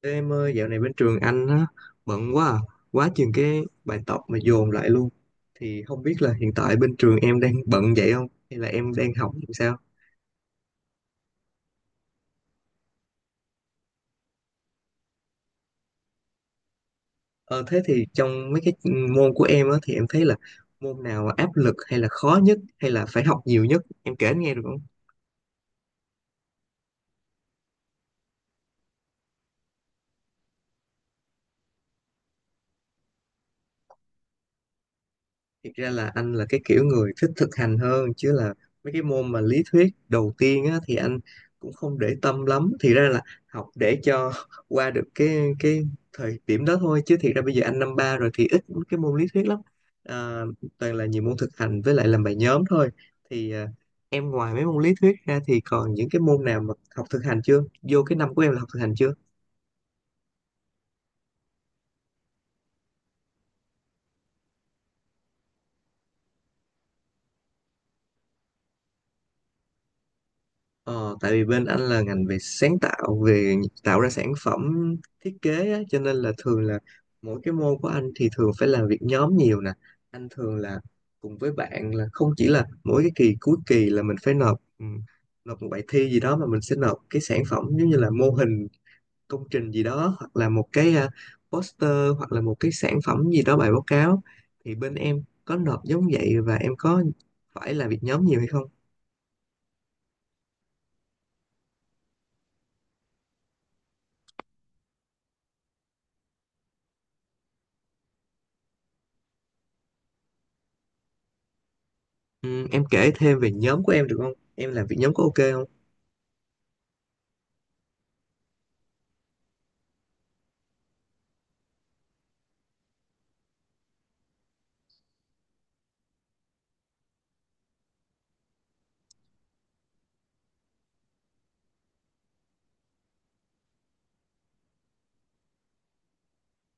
Ê em ơi, dạo này bên trường anh á, bận quá à, quá chừng cái bài tập mà dồn lại luôn. Thì không biết là hiện tại bên trường em đang bận vậy không? Hay là em đang học làm sao? Ờ, thế thì trong mấy cái môn của em á, thì em thấy là môn nào áp lực hay là khó nhất hay là phải học nhiều nhất? Em kể anh nghe được không? Thực ra là anh là cái kiểu người thích thực hành hơn chứ là mấy cái môn mà lý thuyết đầu tiên á, thì anh cũng không để tâm lắm. Thì ra là học để cho qua được cái thời điểm đó thôi chứ thiệt ra bây giờ anh năm ba rồi thì ít cái môn lý thuyết lắm. À, toàn là nhiều môn thực hành với lại làm bài nhóm thôi. Thì à, em ngoài mấy môn lý thuyết ra thì còn những cái môn nào mà học thực hành chưa? Vô cái năm của em là học thực hành chưa? Ờ, tại vì bên anh là ngành về sáng tạo, về tạo ra sản phẩm thiết kế á, cho nên là thường là mỗi cái môn của anh thì thường phải làm việc nhóm nhiều nè, anh thường là cùng với bạn, là không chỉ là mỗi cái kỳ cuối kỳ là mình phải nộp ừ, nộp một bài thi gì đó, mà mình sẽ nộp cái sản phẩm giống như là mô hình công trình gì đó, hoặc là một cái à, poster hoặc là một cái sản phẩm gì đó, bài báo cáo. Thì bên em có nộp giống vậy và em có phải làm việc nhóm nhiều hay không? Ừ, em kể thêm về nhóm của em được không? Em làm việc nhóm có ok không?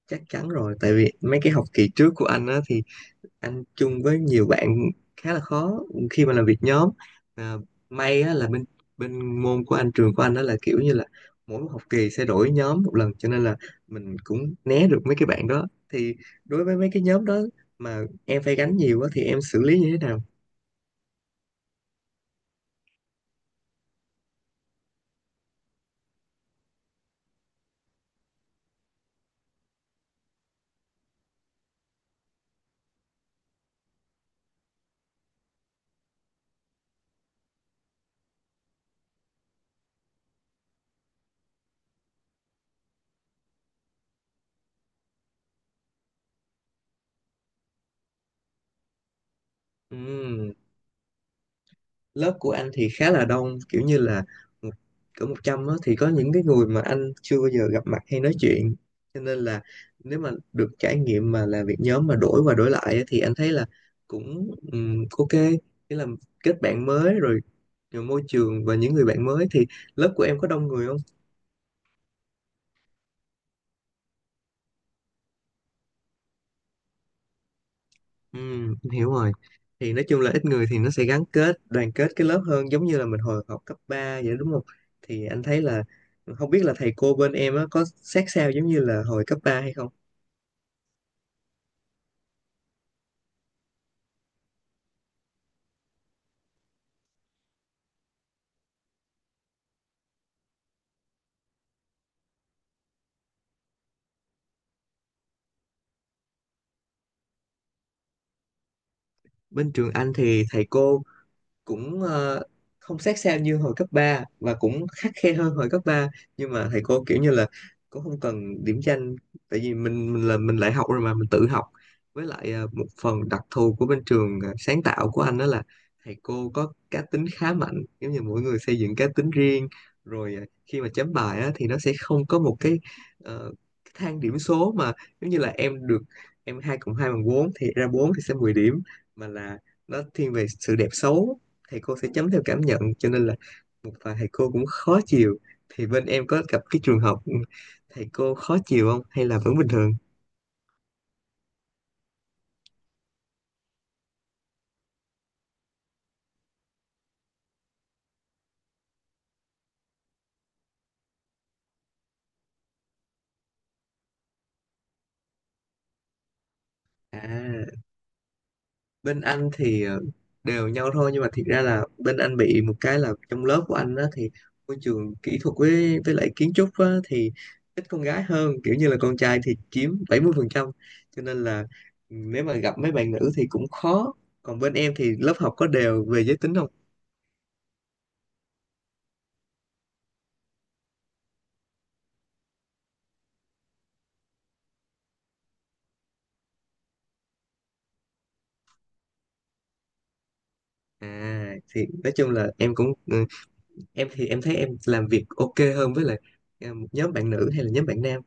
Chắc chắn rồi, tại vì mấy cái học kỳ trước của anh á thì anh chung với nhiều bạn khá là khó khi mà làm việc nhóm. À, may á là bên bên môn của anh, trường của anh, đó là kiểu như là mỗi một học kỳ sẽ đổi nhóm một lần, cho nên là mình cũng né được mấy cái bạn đó. Thì đối với mấy cái nhóm đó mà em phải gánh nhiều á thì em xử lý như thế nào? Ừ. Lớp của anh thì khá là đông, kiểu như là một- cỡ 100 á thì có những cái người mà anh chưa bao giờ gặp mặt hay nói chuyện, cho nên là nếu mà được trải nghiệm mà làm việc nhóm mà đổi qua đổi lại á, thì anh thấy là cũng ok, nghĩa là kết bạn mới rồi, rồi môi trường và những người bạn mới. Thì lớp của em có đông người không? Ừ, em hiểu rồi. Thì nói chung là ít người thì nó sẽ gắn kết, đoàn kết cái lớp hơn, giống như là mình hồi học cấp 3 vậy đúng không? Thì anh thấy là, không biết là thầy cô bên em á, có sát sao giống như là hồi cấp 3 hay không? Bên trường anh thì thầy cô cũng không sát sao như hồi cấp 3 và cũng khắt khe hơn hồi cấp ba, nhưng mà thầy cô kiểu như là cũng không cần điểm danh, tại vì mình là mình lại học rồi mà mình tự học, với lại ờ, một phần đặc thù của bên trường ờ, sáng tạo của anh đó là thầy cô có cá tính khá mạnh, giống như mỗi người xây dựng cá tính riêng, rồi ờ, khi mà chấm bài á, thì nó sẽ không có một cái ờ, cái thang điểm số, mà giống như là em được, em 2 cộng 2 bằng 4 thì ra 4 thì sẽ 10 điểm, mà là nó thiên về sự đẹp xấu, thầy cô sẽ chấm theo cảm nhận, cho nên là một vài thầy cô cũng khó chịu. Thì bên em có gặp cái trường hợp thầy cô khó chịu không, hay là vẫn bình thường? À, bên anh thì ờ, đều nhau thôi, nhưng mà thiệt ra là bên anh bị một cái là trong lớp của anh á thì môi trường kỹ thuật với lại kiến trúc á, thì ít con gái hơn, kiểu như là con trai thì chiếm 70%, cho nên là ừ, nếu mà gặp mấy bạn nữ thì cũng khó. Còn bên em thì lớp học có đều về giới tính không? À thì nói chung là em cũng ừ, em thì em thấy em làm việc ok hơn với lại à, một nhóm bạn nữ hay là nhóm bạn nam?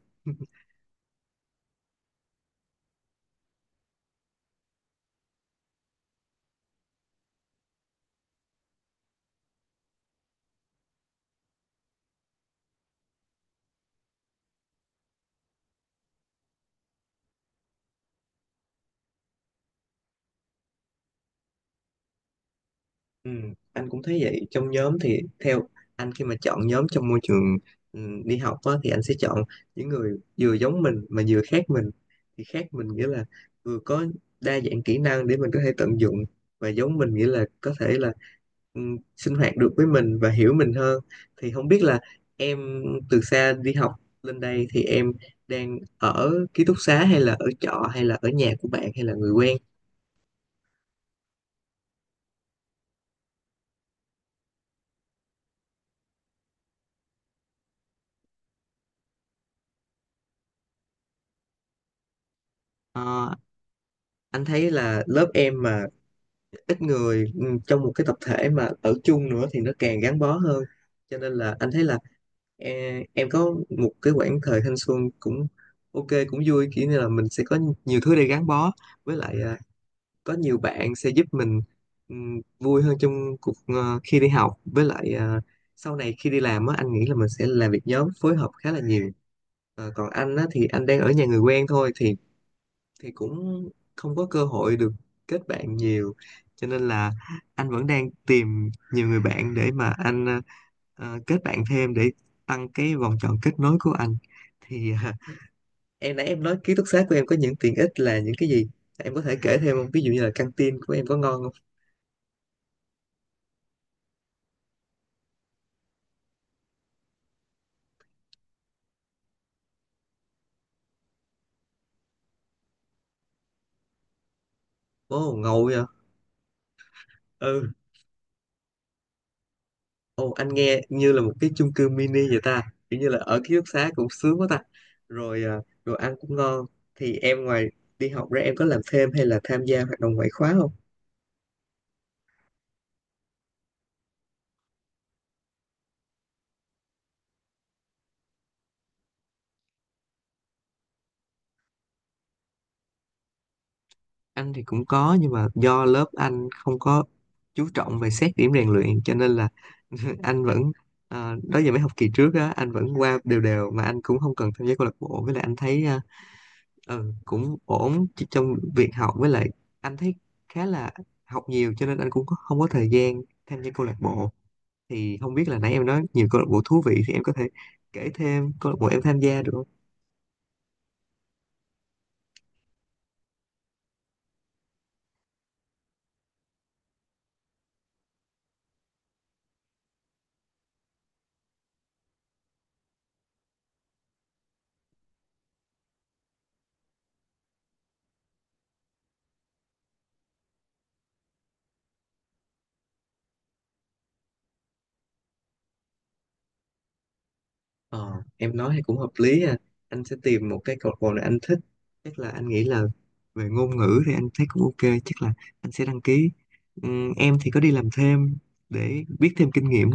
Ừ, anh cũng thấy vậy. Trong nhóm thì theo anh, khi mà chọn nhóm trong môi trường ừ, đi học á, thì anh sẽ chọn những người vừa giống mình mà vừa khác mình. Thì khác mình nghĩa là vừa có đa dạng kỹ năng để mình có thể tận dụng, và giống mình nghĩa là có thể là ừ, sinh hoạt được với mình và hiểu mình hơn. Thì không biết là em từ xa đi học lên đây thì em đang ở ký túc xá hay là ở trọ hay là ở nhà của bạn hay là người quen? Ờ, anh thấy là lớp em mà ít người, ừ, trong một cái tập thể mà ở chung nữa thì nó càng gắn bó hơn, cho nên là anh thấy là em có một cái quãng thời thanh xuân cũng ok, cũng vui, kiểu như là mình sẽ có nhiều thứ để gắn bó, với lại à, có nhiều bạn sẽ giúp mình vui hơn trong cuộc ờ, khi đi học, với lại à, sau này khi đi làm á, anh nghĩ là mình sẽ làm việc nhóm phối hợp khá là nhiều. Ờ, còn anh á thì anh đang ở nhà người quen thôi, thì cũng không có cơ hội được kết bạn nhiều, cho nên là anh vẫn đang tìm nhiều người bạn để mà anh ờ, ờ, kết bạn thêm để tăng cái vòng tròn kết nối của anh. Thì ờ, em nãy em nói ký túc xá của em có những tiện ích là những cái gì, em có thể kể thêm không? Ví dụ như là căng tin của em có ngon không? Ồ ngầu vậy. Ừ. Ồ, anh nghe như là một cái chung cư mini vậy ta, kiểu như là ở ký túc xá cũng sướng quá ta, rồi à, rồi ăn cũng ngon. Thì em ngoài đi học ra em có làm thêm hay là tham gia hoạt động ngoại khóa không? Anh thì cũng có, nhưng mà do lớp anh không có chú trọng về xét điểm rèn luyện, cho nên là anh vẫn à, đó giờ mấy học kỳ trước á anh vẫn qua đều đều, mà anh cũng không cần tham gia câu lạc bộ. Với lại anh thấy à, ừ, cũng ổn chứ trong việc học, với lại anh thấy khá là học nhiều, cho nên anh cũng không có thời gian tham gia câu lạc bộ. Thì không biết là nãy em nói nhiều câu lạc bộ thú vị, thì em có thể kể thêm câu lạc bộ em tham gia được không? Ờ, em nói thì cũng hợp lý à. Anh sẽ tìm một cái câu lạc bộ này anh thích. Chắc là anh nghĩ là về ngôn ngữ thì anh thấy cũng ok. Chắc là anh sẽ đăng ký. Em thì có đi làm thêm để biết thêm kinh nghiệm?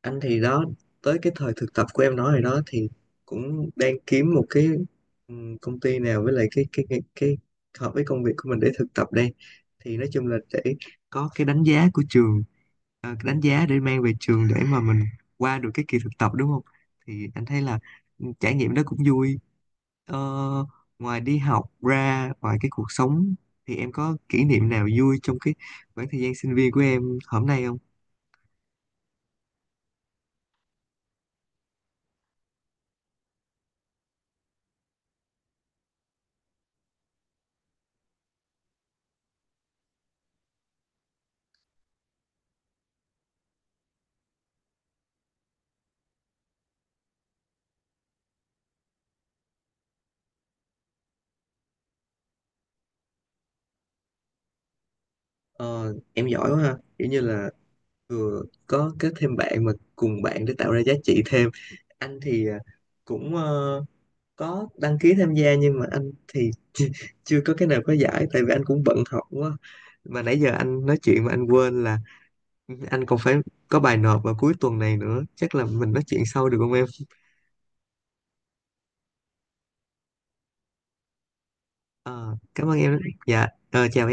Anh thì đó, tới cái thời thực tập của em nói rồi đó, thì cũng đang kiếm một cái công ty nào với lại cái hợp với công việc của mình để thực tập đây. Thì nói chung là để có cái đánh giá của trường, à, cái đánh giá để mang về trường để mà mình qua được cái kỳ thực tập đúng không. Thì anh thấy là ừ, trải nghiệm đó cũng vui. Ờ, ngoài đi học ra, ngoài cái cuộc sống, thì em có kỷ niệm nào vui trong cái khoảng thời gian sinh viên của em hôm nay không? Ờ, em giỏi quá ha, kiểu như là vừa có kết thêm bạn mà cùng bạn để tạo ra giá trị thêm. Anh thì à, cũng ờ, có đăng ký tham gia nhưng mà anh thì chưa, chưa có cái nào có giải, tại vì anh cũng bận học quá. Mà nãy giờ anh nói chuyện mà anh quên là anh còn phải có bài nộp vào cuối tuần này nữa, chắc là mình nói chuyện sau được không em? Ờ, cảm ơn em. Dạ ờ, chào em.